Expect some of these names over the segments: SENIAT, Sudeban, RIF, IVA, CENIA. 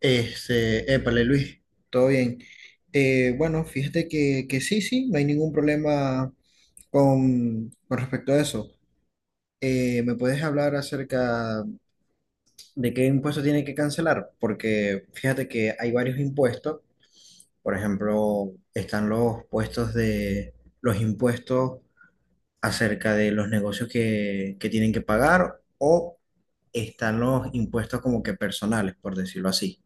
Épale Luis, todo bien. Bueno, fíjate que sí, sí, no hay ningún problema con respecto a eso. ¿Me puedes hablar acerca de qué impuesto tiene que cancelar? Porque fíjate que hay varios impuestos. Por ejemplo, están los puestos de los impuestos acerca de los negocios que tienen que pagar o están los impuestos como que personales, por decirlo así.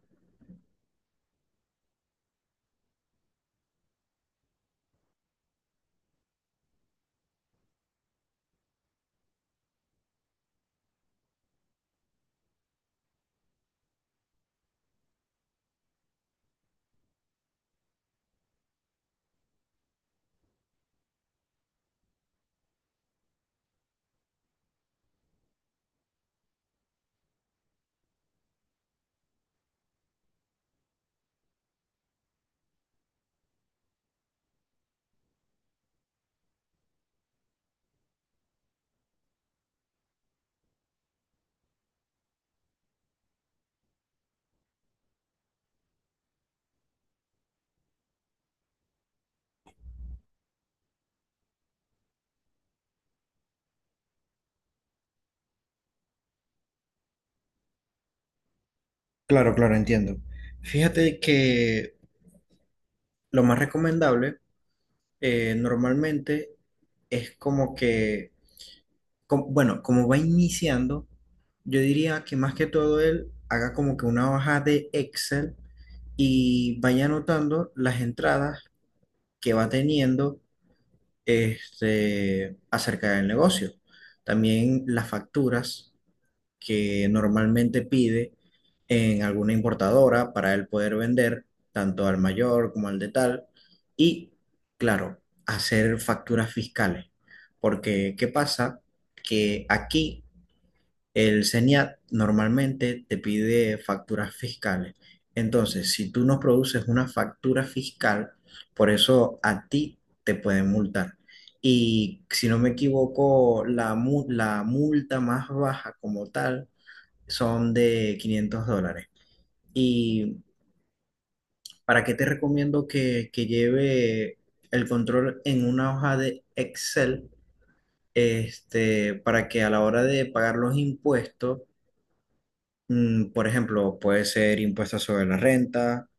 Claro, claro, entiendo. Fíjate que lo más recomendable normalmente es como que, bueno, como va iniciando, yo diría que más que todo él haga como que una hoja de Excel y vaya anotando las entradas que va teniendo, acerca del negocio. También las facturas, que normalmente pide en alguna importadora para él poder vender tanto al mayor como al de tal y, claro, hacer facturas fiscales. Porque, ¿qué pasa? Que aquí el SENIAT normalmente te pide facturas fiscales. Entonces, si tú no produces una factura fiscal, por eso a ti te pueden multar. Y si no me equivoco, la multa más baja como tal son de $500. ¿Y para qué te recomiendo que lleve el control en una hoja de Excel? Para que a la hora de pagar los impuestos, por ejemplo, puede ser impuestos sobre la renta,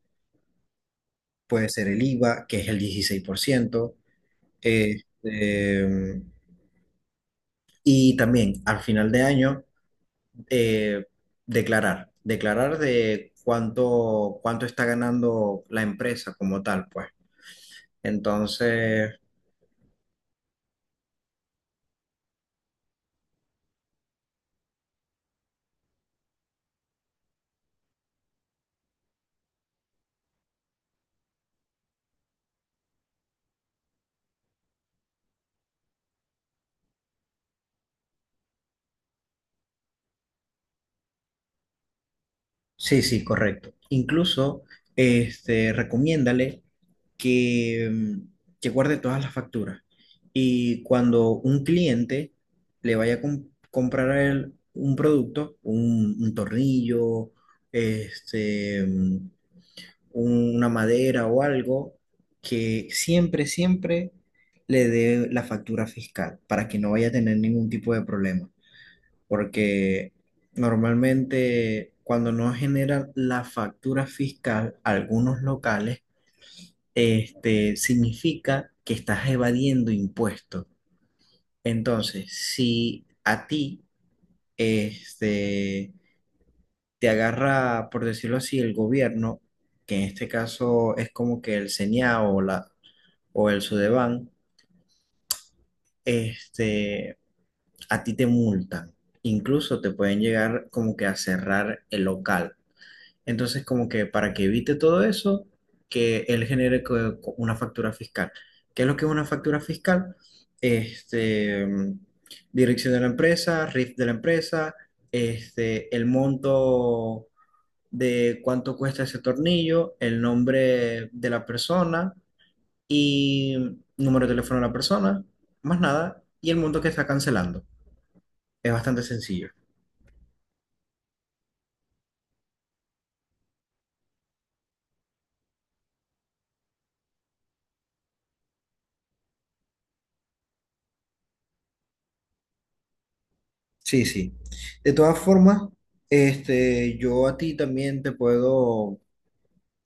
puede ser el IVA, que es el 16%, este, mm, y también al final de año eh, declarar de cuánto está ganando la empresa como tal, pues. Entonces, sí, sí, correcto. Incluso, recomiéndale que, mm, que guarde todas las facturas. Y cuando un cliente le vaya a comprar a él un producto, un tornillo, este, mm, una madera o algo, que siempre, siempre le dé la factura fiscal para que no vaya a tener ningún tipo de problema. Porque normalmente cuando no generan la factura fiscal algunos locales, significa que estás evadiendo impuestos. Entonces, si a ti, este, te agarra, por decirlo así, el gobierno, que en este caso es como que el CENIA o o el Sudeban, este, a ti te multan. Incluso te pueden llegar como que a cerrar el local. Entonces, como que para que evite todo eso, que él genere una factura fiscal. ¿Qué es lo que es una factura fiscal? Este, mm, Dirección de la empresa, RIF de la empresa, el monto de cuánto cuesta ese tornillo, el nombre de la persona y número de teléfono de la persona, más nada, y el monto que está cancelando. Es bastante sencillo. Sí, sí. De todas formas, yo a ti también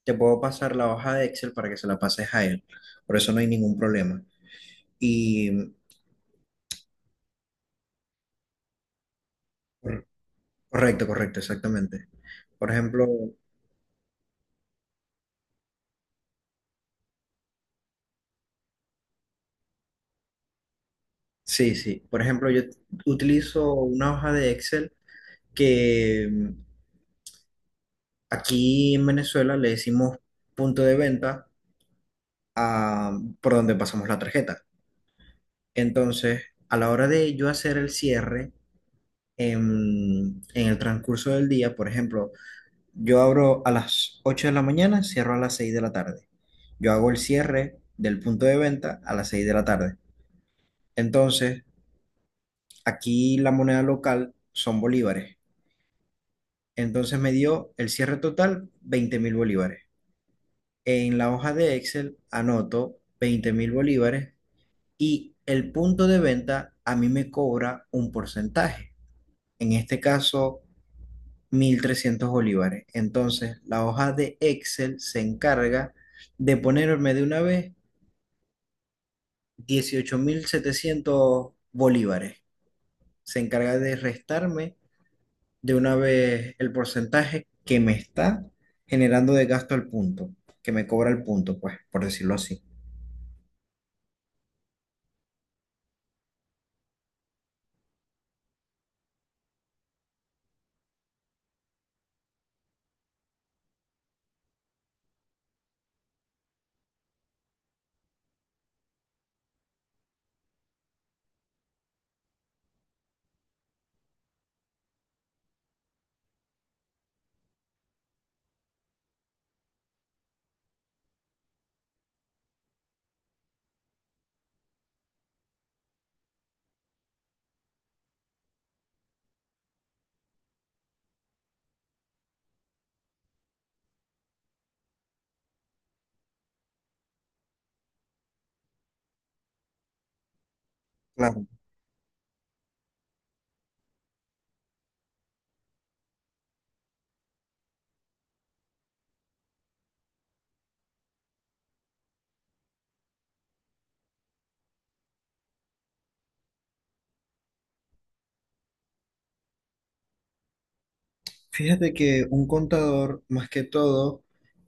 te puedo pasar la hoja de Excel para que se la pases a él. Por eso no hay ningún problema. Y cor- correcto, correcto, exactamente. Por ejemplo, sí, sí. Por ejemplo, yo utilizo una hoja de Excel que aquí en Venezuela le decimos punto de venta a, por donde pasamos la tarjeta. Entonces, a la hora de yo hacer el cierre, en el transcurso del día, por ejemplo, yo abro a las 8 de la mañana, cierro a las 6 de la tarde. Yo hago el cierre del punto de venta a las 6 de la tarde. Entonces, aquí la moneda local son bolívares. Entonces me dio el cierre total 20.000 bolívares. En la hoja de Excel anoto 20.000 bolívares y el punto de venta a mí me cobra un porcentaje. En este caso, 1300 bolívares. Entonces, la hoja de Excel se encarga de ponerme de una vez 18.700 bolívares. Se encarga de restarme de una vez el porcentaje que me está generando de gasto al punto, que me cobra el punto, pues, por decirlo así. Claro. Fíjate que un contador, más que todo,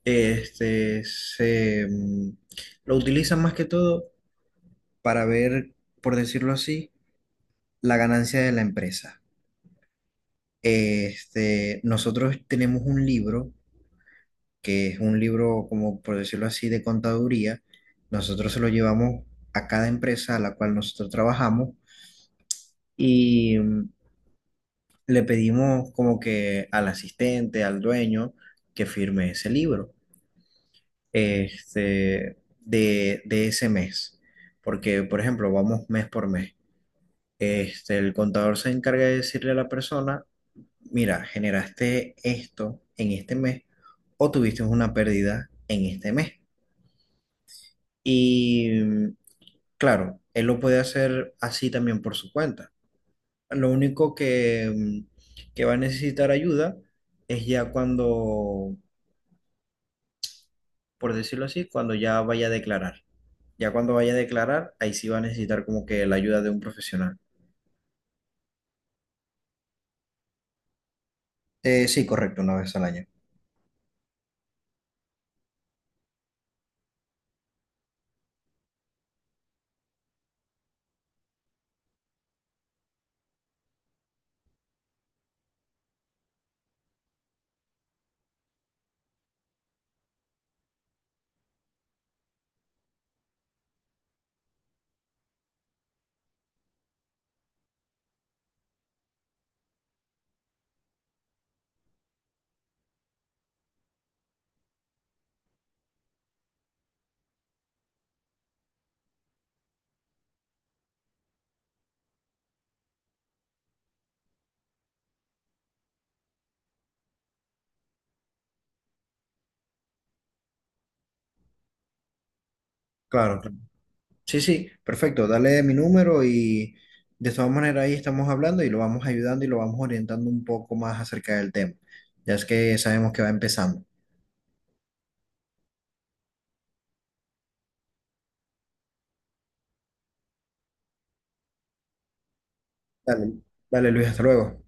este, se mm, lo utiliza más que todo para ver, por decirlo así, la ganancia de la empresa. Nosotros tenemos un libro, que es un libro, como por decirlo así, de contaduría. Nosotros se lo llevamos a cada empresa a la cual nosotros trabajamos y le pedimos como que al asistente, al dueño, que firme ese libro, de ese mes. Porque, por ejemplo, vamos mes por mes. El contador se encarga de decirle a la persona mira, generaste esto en este mes o tuviste una pérdida en este mes. Y claro, él lo puede hacer así también por su cuenta. Lo único que, que va a necesitar ayuda es ya cuando, por decirlo así, cuando ya vaya a declarar. Ya cuando vaya a declarar, ahí sí va a necesitar como que la ayuda de un profesional. Sí, correcto, una vez al año. Claro, sí, sí, perfecto. Dale mi número y de todas maneras ahí estamos hablando y lo vamos ayudando y lo vamos orientando un poco más acerca del tema. Ya es que sabemos que va empezando. Dale, dale Luis, hasta luego.